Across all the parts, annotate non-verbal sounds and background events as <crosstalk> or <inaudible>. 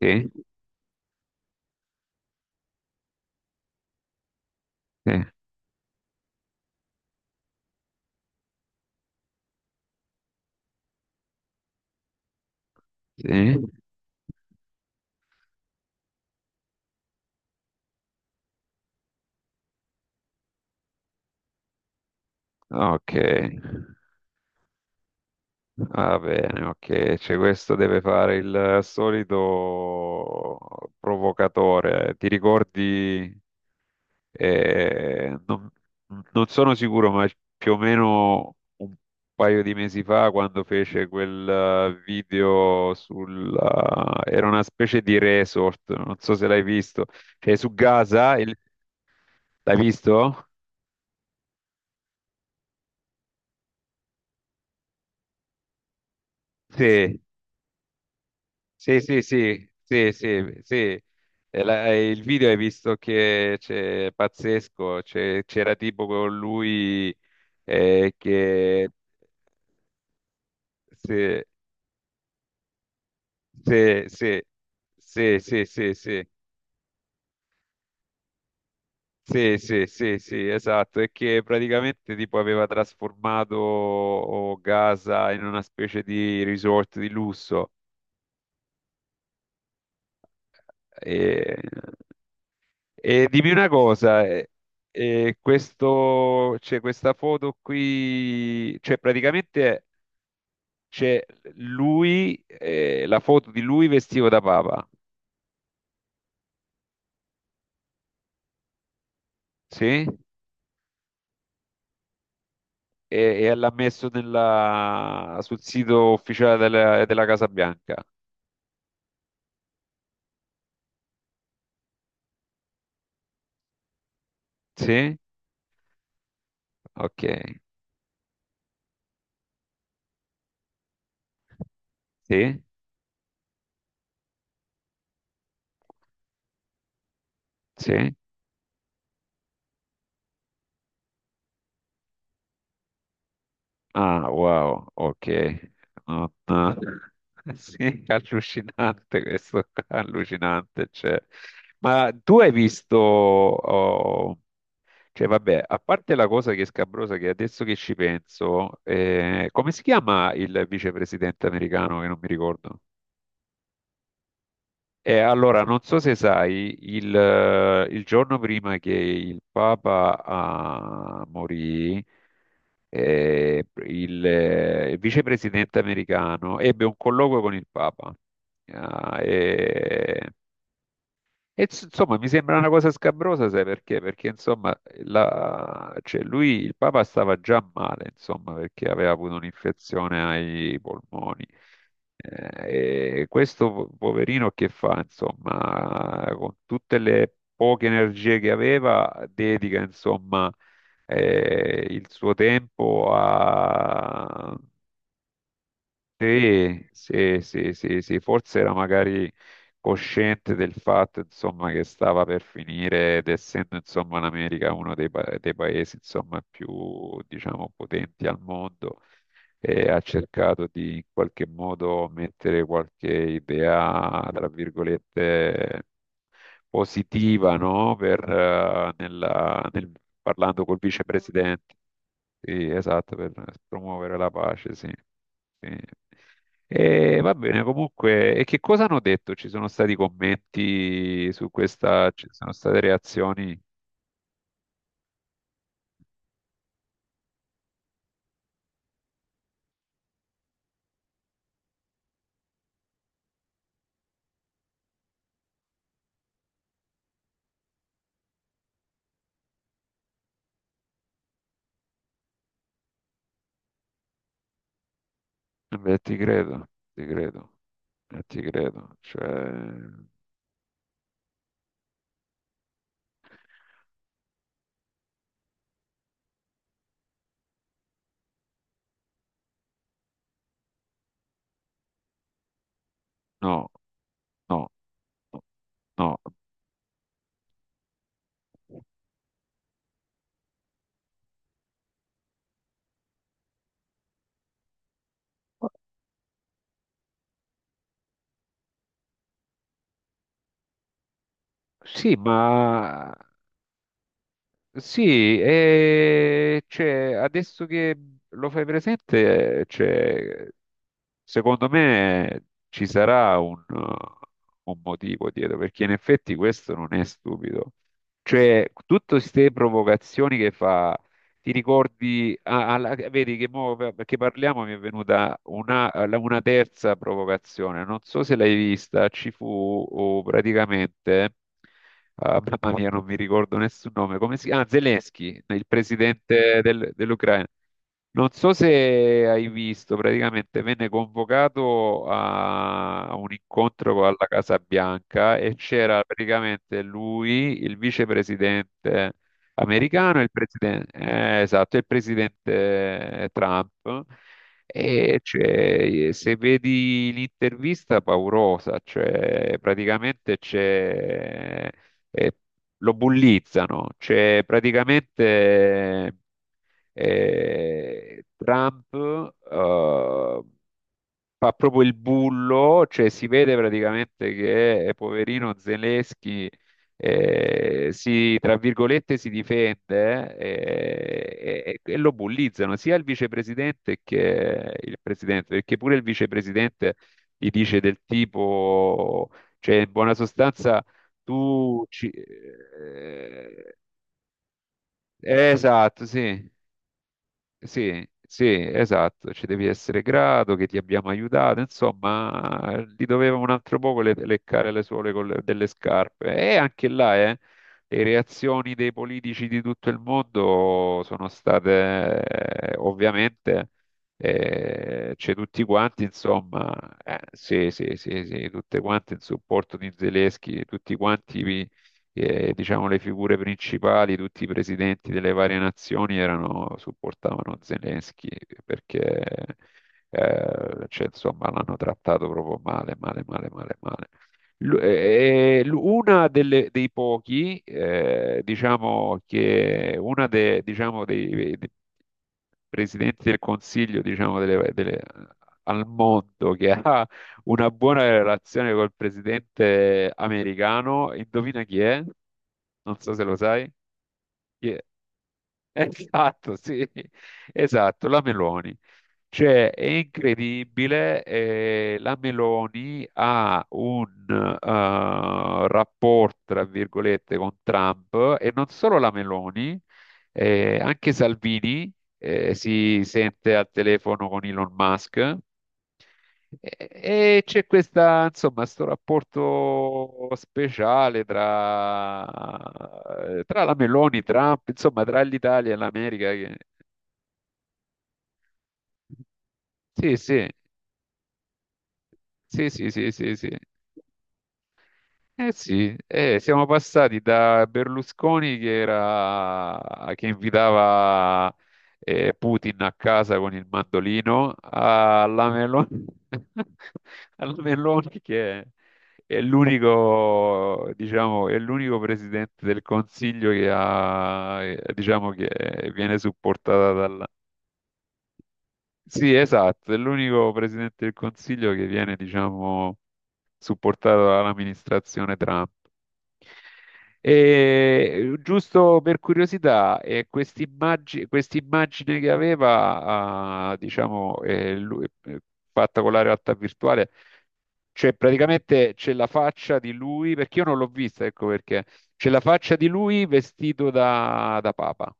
Sì, sì, sì. Ok, va bene, ok. Cioè, questo deve fare il solito provocatore. Ti ricordi? eh, non, non sono sicuro, ma più o meno un paio di mesi fa, quando fece quel video sul. Era una specie di resort, non so se l'hai visto. Cioè, su Gaza, l'hai visto? Sì. Sì, sì, sì, sì, sì, sì. E il video hai visto che c'è pazzesco, c'era tipo con lui, che sì, sì, sì, sì, sì, sì, sì, sì, sì, sì, sì, esatto, e che praticamente tipo aveva trasformato, oh, Gaza in una specie di resort di lusso. E E dimmi una cosa, questo, c'è questa foto qui, cioè praticamente c'è lui, la foto di lui vestito da Papa, sì? E l'ha messo sul sito ufficiale della Casa Bianca, sì? Ok, sì, sì. Ah, wow, ok. Non- <laughs> Sì, allucinante questo, <laughs> allucinante. Cioè. Ma tu hai visto, oh, cioè vabbè, a parte la cosa che è scabrosa, che adesso che ci penso, come si chiama il vicepresidente americano che non mi ricordo? E allora, non so se sai, il giorno prima che il Papa morì, il vicepresidente americano ebbe un colloquio con il Papa. Ah, insomma, mi sembra una cosa scabrosa, sai perché? Perché insomma, cioè, lui, il Papa stava già male, insomma, perché aveva avuto un'infezione ai polmoni. Eh, E questo poverino che fa, insomma, con tutte le poche energie che aveva, dedica, insomma, il suo tempo a. Sì, sì, sì, sì, sì, forse era magari cosciente del fatto, insomma, che stava per finire ed essendo, insomma, l'America uno dei paesi, insomma, più, diciamo, potenti al mondo e ha cercato di in qualche modo mettere qualche idea, tra virgolette, positiva, no? Parlando col vicepresidente. Sì, esatto, per promuovere la pace, sì. Sì. E va bene, comunque, e che cosa hanno detto? Ci sono stati commenti su questa, ci sono state reazioni? Beh, ti credo, ti credo, ti credo, cioè, no, no, no. Sì, ma sì, e adesso che lo fai presente, c'è Secondo me ci sarà un motivo dietro, perché in effetti questo non è stupido. Cioè, tutte queste provocazioni che fa, ti ricordi, ah, vedi che mo, perché parliamo mi è venuta una terza provocazione, non so se l'hai vista, ci fu oh, praticamente, ah, mamma mia, non mi ricordo nessun nome, come si chiama? Ah, Zelensky, il presidente dell'Ucraina. Non so se hai visto, praticamente venne convocato a un incontro alla Casa Bianca e c'era praticamente lui, il vicepresidente americano, e il presidente, esatto, e il presidente Trump. E se vedi l'intervista paurosa, cioè praticamente c'è, eh, lo bullizzano, cioè praticamente Trump eh, fa proprio il bullo, cioè si vede praticamente che poverino Zelensky si, tra virgolette, si difende, e lo bullizzano sia il vicepresidente che il presidente, perché pure il vicepresidente gli dice del tipo, cioè in buona sostanza tu ci, esatto, sì. Sì, sì, esatto, ci devi essere grato che ti abbiamo aiutato, insomma, gli doveva un altro poco leccare le suole con delle scarpe. E anche là, le reazioni dei politici di tutto il mondo sono state, ovviamente, c'è tutti quanti, insomma, sì, sì, sì, sì, tutte quanti in supporto di Zelensky, tutti quanti e, diciamo le figure principali, tutti i presidenti delle varie nazioni erano, supportavano Zelensky perché cioè, insomma, l'hanno trattato proprio male, male, male, male, male. Una dei pochi, diciamo che diciamo, dei presidenti del Consiglio, diciamo, al mondo che <laughs> ha una buona relazione col presidente americano. Indovina chi è? Non so se lo sai. Chi è? <laughs> Esatto, sì, esatto, la Meloni. Cioè, è incredibile, la Meloni ha un rapporto, tra virgolette, con Trump, e non solo la Meloni, anche Salvini si sente al telefono con Elon Musk, e c'è questa, insomma, sto rapporto speciale tra la Meloni, Trump, insomma, tra l'Italia e l'America. Sì, sì, sì, sì, sì, sì, sì. Eh sì, siamo passati da Berlusconi che invitava Putin a casa con il mandolino alla Meloni, <laughs> alla Meloni che è l'unico, diciamo, è l'unico presidente del Consiglio che ha, diciamo, che viene supportata dalla. Sì, esatto, è l'unico presidente del Consiglio che viene, diciamo, supportato dall'amministrazione Trump. E giusto per curiosità, quest'immagine che aveva, ah, diciamo, fatta con la realtà virtuale, cioè praticamente c'è la faccia di lui, perché io non l'ho vista, ecco perché, c'è la faccia di lui vestito da Papa,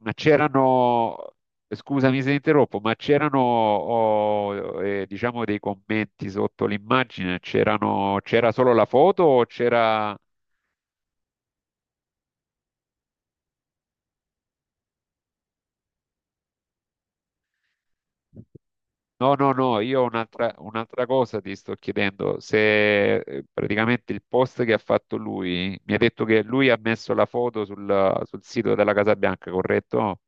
ma c'erano, scusami se interrompo, ma c'erano, oh, diciamo, dei commenti sotto l'immagine, c'erano, c'era solo la foto o c'era? No, no, no, io un'altra cosa ti sto chiedendo, se praticamente il post che ha fatto lui, mi ha detto che lui ha messo la foto sul sito della Casa Bianca, corretto?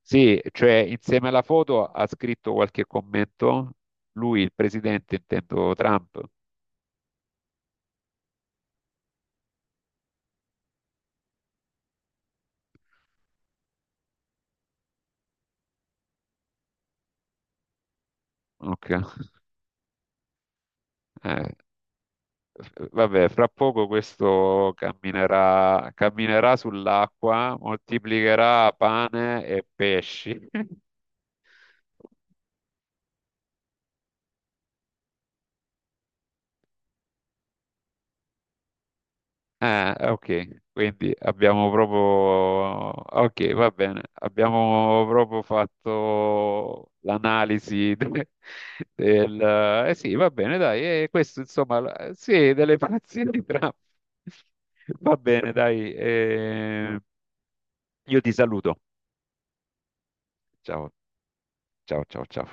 Sì, cioè insieme alla foto ha scritto qualche commento, lui, il presidente, intendo Trump. Ok, eh, vabbè, fra poco questo camminerà, camminerà sull'acqua, moltiplicherà pane e pesci. <laughs> Ah, ok, quindi abbiamo proprio. Ok, va bene, abbiamo proprio fatto l'analisi <laughs> del. Eh sì, va bene, dai, e questo insomma, sì, delle fazioni tra. Va bene, dai, io ti saluto. Ciao, ciao, ciao, ciao.